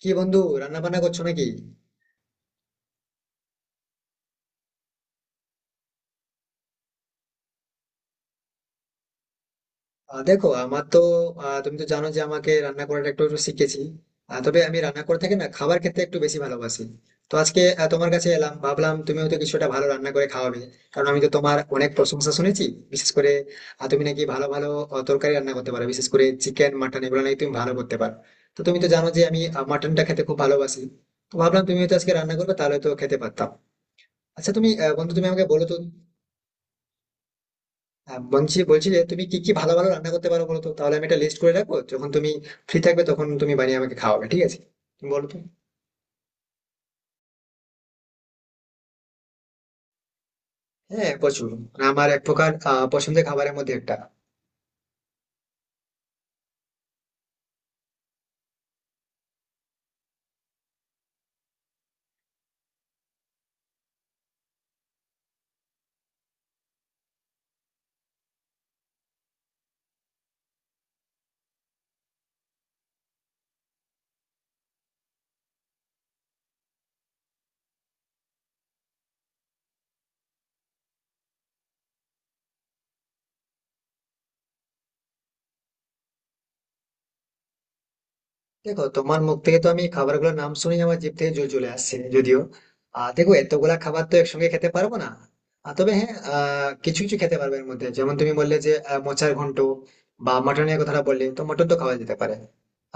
কি বন্ধু, রান্না বান্না করছো নাকি? দেখো আমার তো, তুমি তো জানো যে আমাকে রান্না করাটা একটু একটু শিখেছি। তবে আমি রান্না করে থাকি না, খাবার খেতে একটু বেশি ভালোবাসি। তো আজকে তোমার কাছে এলাম, ভাবলাম তুমিও তো কিছুটা ভালো রান্না করে খাওয়াবে। কারণ আমি তো তোমার অনেক প্রশংসা শুনেছি, বিশেষ করে তুমি নাকি ভালো ভালো তরকারি রান্না করতে পারো, বিশেষ করে চিকেন মাটন এগুলো নাকি তুমি ভালো করতে পারো। তো তুমি তো জানো যে আমি মাটনটা খেতে খুব ভালোবাসি। তো ভাবলাম তুমি হয়তো আজকে রান্না করবে, তাহলে তো খেতে পারতাম। আচ্ছা তুমি বন্ধু, তুমি আমাকে বলো তো, বলছি বলছি যে তুমি কি কি ভালো ভালো রান্না করতে পারো বলো তো, তাহলে আমি একটা লিস্ট করে রাখবো। যখন তুমি ফ্রি থাকবে তখন তুমি বানিয়ে আমাকে খাওয়াবে, ঠিক আছে? তুমি বলো তো। হ্যাঁ, প্রচুর। মানে আমার এক প্রকার পছন্দের খাবারের মধ্যে একটা। দেখো তোমার মুখ থেকে তো আমি খাবারগুলোর নাম শুনেই আমার জিভ থেকে জল চলে আসছে। যদিও দেখো, এতগুলা খাবার তো একসঙ্গে খেতে পারবো না। তবে হ্যাঁ, কিছু কিছু খেতে পারবে এর মধ্যে, যেমন তুমি বললে যে মোচার ঘন্ট বা মটনের কথাটা বললে, তো মটন তো খাওয়া যেতে পারে।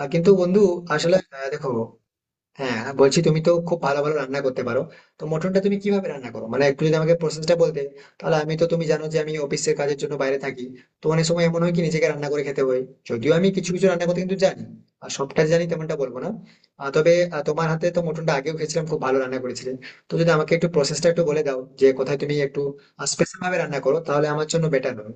কিন্তু বন্ধু, আসলে দেখো, হ্যাঁ আর বলছি, তুমি তো খুব ভালো ভালো রান্না করতে পারো, তো মটনটা তুমি কিভাবে রান্না করো মানে একটু যদি আমাকে প্রসেসটা বলতে। তাহলে আমি তো, তুমি জানো যে আমি অফিসের কাজের জন্য বাইরে থাকি, তো অনেক সময় এমন হয় কি নিজেকে রান্না করে খেতে হয়। যদিও আমি কিছু কিছু রান্না করতে কিন্তু জানি, আর সবটা জানি তেমনটা বলবো না। তবে তোমার হাতে তো মটনটা আগেও খেয়েছিলাম, খুব ভালো রান্না করেছিলে। তো যদি আমাকে একটু প্রসেসটা একটু বলে দাও যে কোথায় তুমি একটু স্পেশাল ভাবে রান্না করো, তাহলে আমার জন্য বেটার হবে।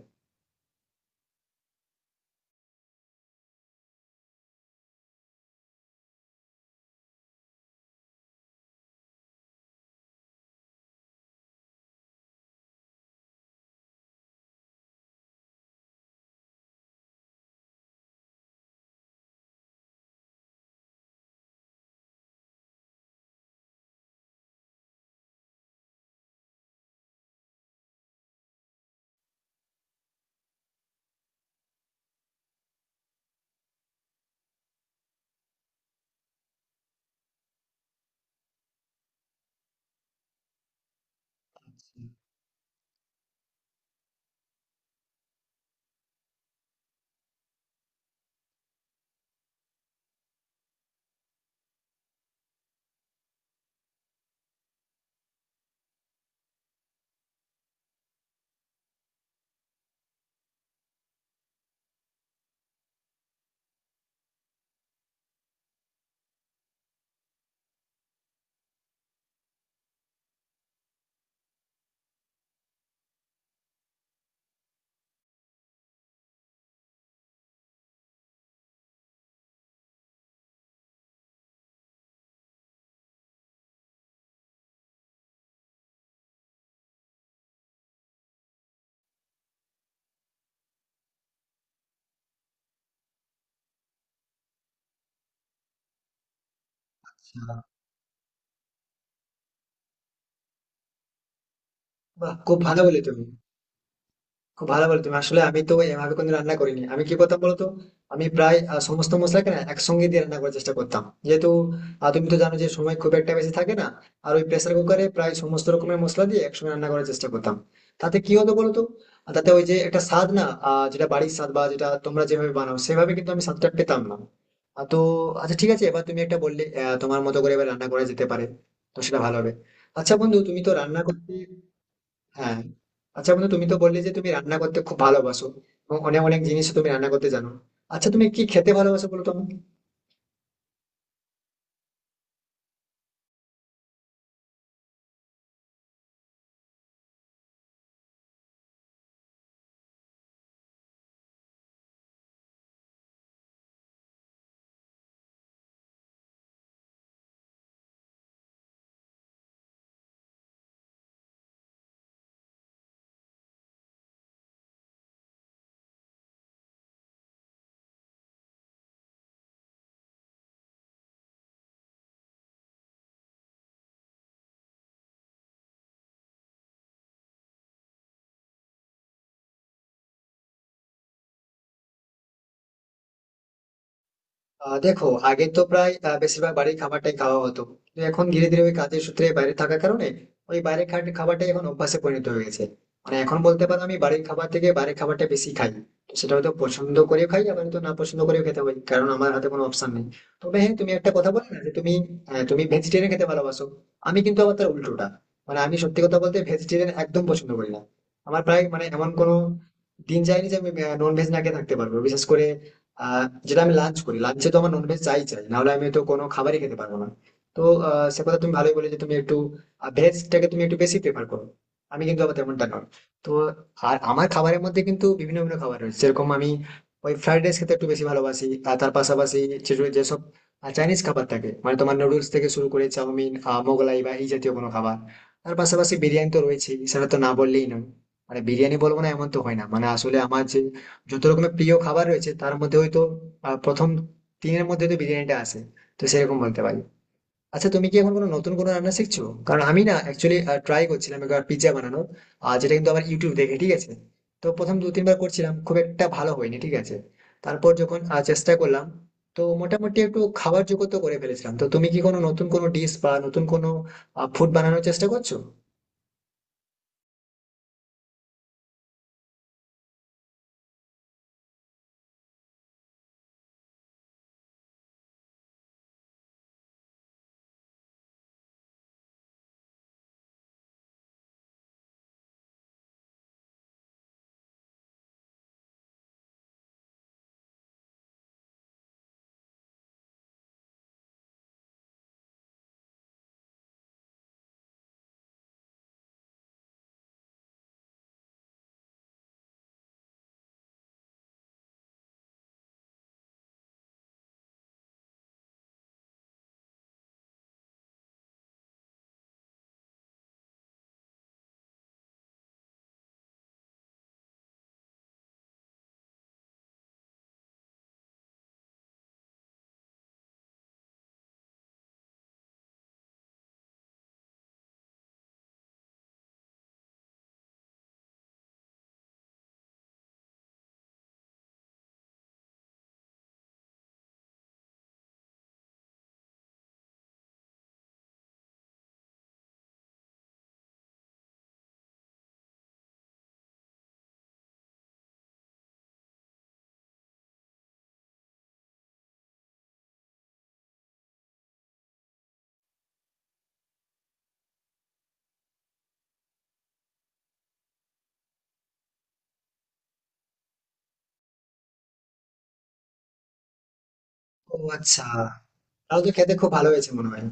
আচ্ছা, বাহ, খুব ভালো বলে তুমি। খুব ভালো বলে তুমি। আসলে আমি তো এভাবে কোনো রান্না করিনি। আমি কি করতাম বলতো, আমি প্রায় সমস্ত মশলাকে না একসঙ্গে দিয়ে রান্না করার চেষ্টা করতাম, যেহেতু তুমি তো জানো যে সময় খুব একটা বেশি থাকে না। আর ওই প্রেসার কুকারে প্রায় সমস্ত রকমের মশলা দিয়ে একসঙ্গে রান্না করার চেষ্টা করতাম। তাতে কি হতো বলতো, আর তাতে ওই যে একটা স্বাদ না, যেটা বাড়ির স্বাদ বা যেটা তোমরা যেভাবে বানাও সেভাবে কিন্তু আমি স্বাদটা পেতাম না। আহ, তো আচ্ছা ঠিক আছে, এবার তুমি একটা বললে, তোমার মতো করে এবার রান্না করা যেতে পারে, তো সেটা ভালো হবে। আচ্ছা বন্ধু তুমি তো রান্না করতে, হ্যাঁ। আচ্ছা বন্ধু, তুমি তো বললে যে তুমি রান্না করতে খুব ভালোবাসো এবং অনেক অনেক জিনিস তুমি রান্না করতে জানো। আচ্ছা, তুমি কি খেতে ভালোবাসো বলো তো আমাকে? দেখো, আগে তো প্রায় বেশিরভাগ বাড়ির খাবারটাই খাওয়া হতো। তো এখন ধীরে ধীরে ওই কাজের সূত্রে বাইরে থাকার কারণে ওই বাইরের খাবারটাই এখন অভ্যাসে পরিণত হয়ে গেছে। মানে এখন বলতে পারো আমি বাড়ির খাবার থেকে বাইরের খাবারটা বেশি খাই। তো সেটা হয়তো পছন্দ করেও খাই, আবার হয়তো না পছন্দ করেও খেতে পারি, কারণ আমার হাতে কোনো অপশন নেই। তবে হ্যাঁ, তুমি একটা কথা বলে না যে তুমি তুমি ভেজিটেরিয়ান খেতে ভালোবাসো, আমি কিন্তু আবার তার উল্টোটা। মানে আমি সত্যি কথা বলতে ভেজিটেরিয়ান একদম পছন্দ করি না। আমার প্রায় মানে এমন কোনো দিন যায়নি যে আমি নন ভেজ না খেয়ে থাকতে পারবো। বিশেষ করে যেটা আমি লাঞ্চ করি, লাঞ্চে তো আমার ননভেজ চাই চাই, নাহলে আমি তো কোনো খাবারই খেতে পারবো না। তো সে কথা তুমি ভালোই বলে যে তুমি একটু ভেজটাকে তুমি একটু বেশি প্রেফার করো, আমি কিন্তু আবার তেমনটা নয়। তো আর আমার খাবারের মধ্যে কিন্তু বিভিন্ন বিভিন্ন খাবার রয়েছে, যেরকম আমি ওই ফ্রাইড রাইস খেতে একটু বেশি ভালোবাসি। আর তার পাশাপাশি যেসব চাইনিজ খাবার থাকে, মানে তোমার নুডলস থেকে শুরু করে চাউমিন, মোগলাই বা এই জাতীয় কোনো খাবার। তার পাশাপাশি বিরিয়ানি তো রয়েছেই, সেটা তো না বললেই নয়। মানে বিরিয়ানি বলবো না এমন তো হয় না। মানে আসলে আমার যে যত রকমের প্রিয় খাবার রয়েছে, তার মধ্যে হয়তো প্রথম তিনের মধ্যে তো বিরিয়ানিটা আসে। তো সেরকম বলতে পারি। আচ্ছা, তুমি কি এখন কোনো নতুন কোনো রান্না শিখছো? কারণ আমি না অ্যাকচুয়ালি ট্রাই করছিলাম একবার পিৎজা বানানোর, আর যেটা কিন্তু আমার ইউটিউব দেখে, ঠিক আছে? তো প্রথম দু তিনবার করছিলাম, খুব একটা ভালো হয়নি, ঠিক আছে? তারপর যখন চেষ্টা করলাম, তো মোটামুটি একটু খাবার জগত করে ফেলেছিলাম। তো তুমি কি কোনো নতুন কোনো ডিশ বা নতুন কোনো ফুড বানানোর চেষ্টা করছো? ও আচ্ছা, তাহলে তো খেতে খুব ভালো হয়েছে মনে হয়।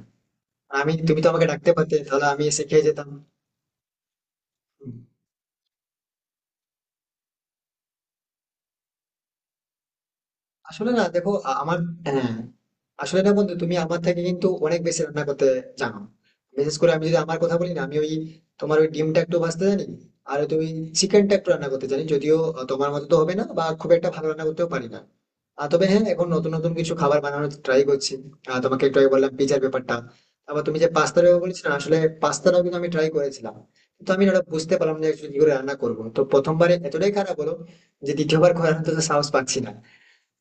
আমি, তুমি তো আমাকে ডাকতে পারতে, তাহলে আমি এসে খেয়ে যেতাম। হুম। আসলে না দেখো, আমার, হ্যাঁ, আসলে না বন্ধু তুমি আমার থেকে কিন্তু অনেক বেশি রান্না করতে জানো। বিশেষ করে আমি যদি আমার কথা বলি না, আমি ওই তোমার ওই ডিমটা একটু ভাজতে জানি, আর তুমি চিকেনটা একটু রান্না করতে জানি, যদিও তোমার মতো তো হবে না বা খুব একটা ভালো রান্না করতেও পারি না। তবে হ্যাঁ, এখন নতুন নতুন কিছু খাবার বানানোর ট্রাই করছি। তোমাকে একটু আগে বললাম পিজার ব্যাপারটা, তারপর তুমি যে পাস্তার ব্যাপার বলেছি না, আসলে পাস্তাটাও কিন্তু আমি ট্রাই করেছিলাম, কিন্তু আমি না ওটা বুঝতে পারলাম না actually কি করে রান্না করবো। তো প্রথমবারে এতটাই খারাপ হলো যে দ্বিতীয়বার করার তো সাহস পাচ্ছি না।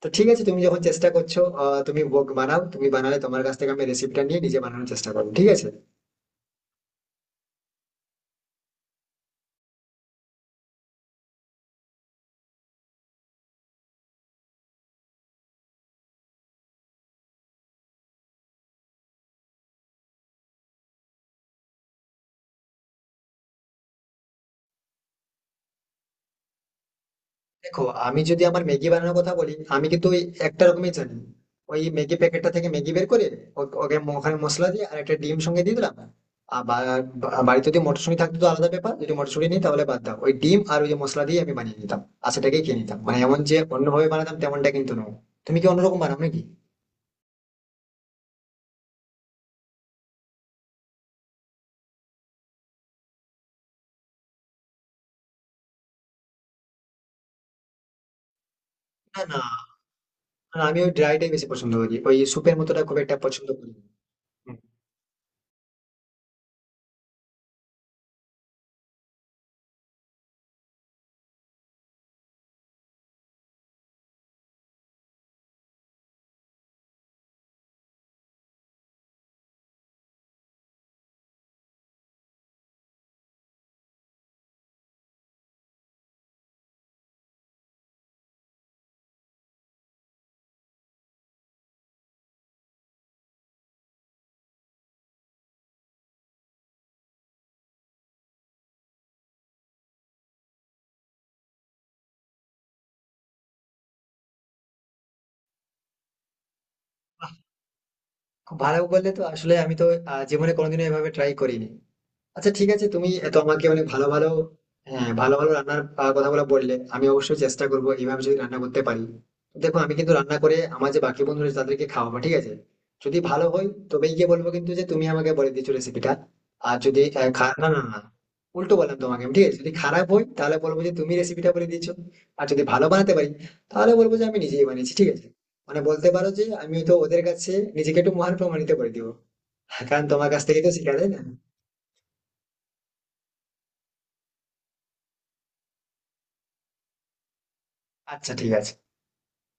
তো ঠিক আছে, তুমি যখন চেষ্টা করছো, তুমি ভোগ বানাও, তুমি বানালে তোমার কাছ থেকে আমি রেসিপিটা নিয়ে নিজে বানানোর চেষ্টা করবো, ঠিক আছে? দেখো, আমি যদি আমার ম্যাগি বানানোর কথা বলি, আমি কিন্তু ওই একটা রকমই জানি। ওই ম্যাগি প্যাকেটটা থেকে ম্যাগি বের করে ওকে ওখানে মশলা দিয়ে আর একটা ডিম সঙ্গে দিয়ে দিলাম। আর বা- বা- বাড়িতে যদি মটরশুঁটি থাকতো তো আলাদা ব্যাপার, যদি মটরশুঁটি নেই তাহলে বাদ দাও, ওই ডিম আর ওই যে মশলা দিয়ে আমি বানিয়ে নিতাম। আর সেটাকে খেয়ে নিতাম, মানে এমন যে অন্যভাবে বানাতাম তেমনটা কিন্তু নয়। তুমি কি অন্যরকম বানাও নাকি? না না না, আমি ওই ড্রাইটাই বেশি পছন্দ করি, ওই স্যুপের মতোটা খুব একটা পছন্দ করি না। খুব ভালো বললে তো, আসলে আমি তো জীবনে কোনোদিনও এভাবে ট্রাই করিনি। আচ্ছা ঠিক আছে, তুমি এত আমাকে অনেক ভালো ভালো, হ্যাঁ ভালো ভালো রান্নার কথাগুলো বললে, আমি অবশ্যই চেষ্টা করবো এইভাবে যদি রান্না করতে পারি। দেখো আমি কিন্তু রান্না করে আমার যে বাকি বন্ধুরা আছে তাদেরকে খাওয়াবো, ঠিক আছে? যদি ভালো হয় তবেই গিয়ে বলবো কিন্তু যে তুমি আমাকে বলে দিয়েছো রেসিপিটা। আর যদি না না না, উল্টো বললাম তোমাকে আমি, ঠিক আছে, যদি খারাপ হয় তাহলে বলবো যে তুমি রেসিপিটা বলে দিয়েছো। আর যদি ভালো বানাতে পারি, তাহলে বলবো যে আমি নিজেই বানিয়েছি, ঠিক আছে? মানে বলতে পারো যে আমি তো ওদের কাছে নিজেকে একটু মহান প্রমাণিত করে দিব, কারণ তোমার কাছ থেকেই তো শিখা যায় না। আচ্ছা ঠিক আছে।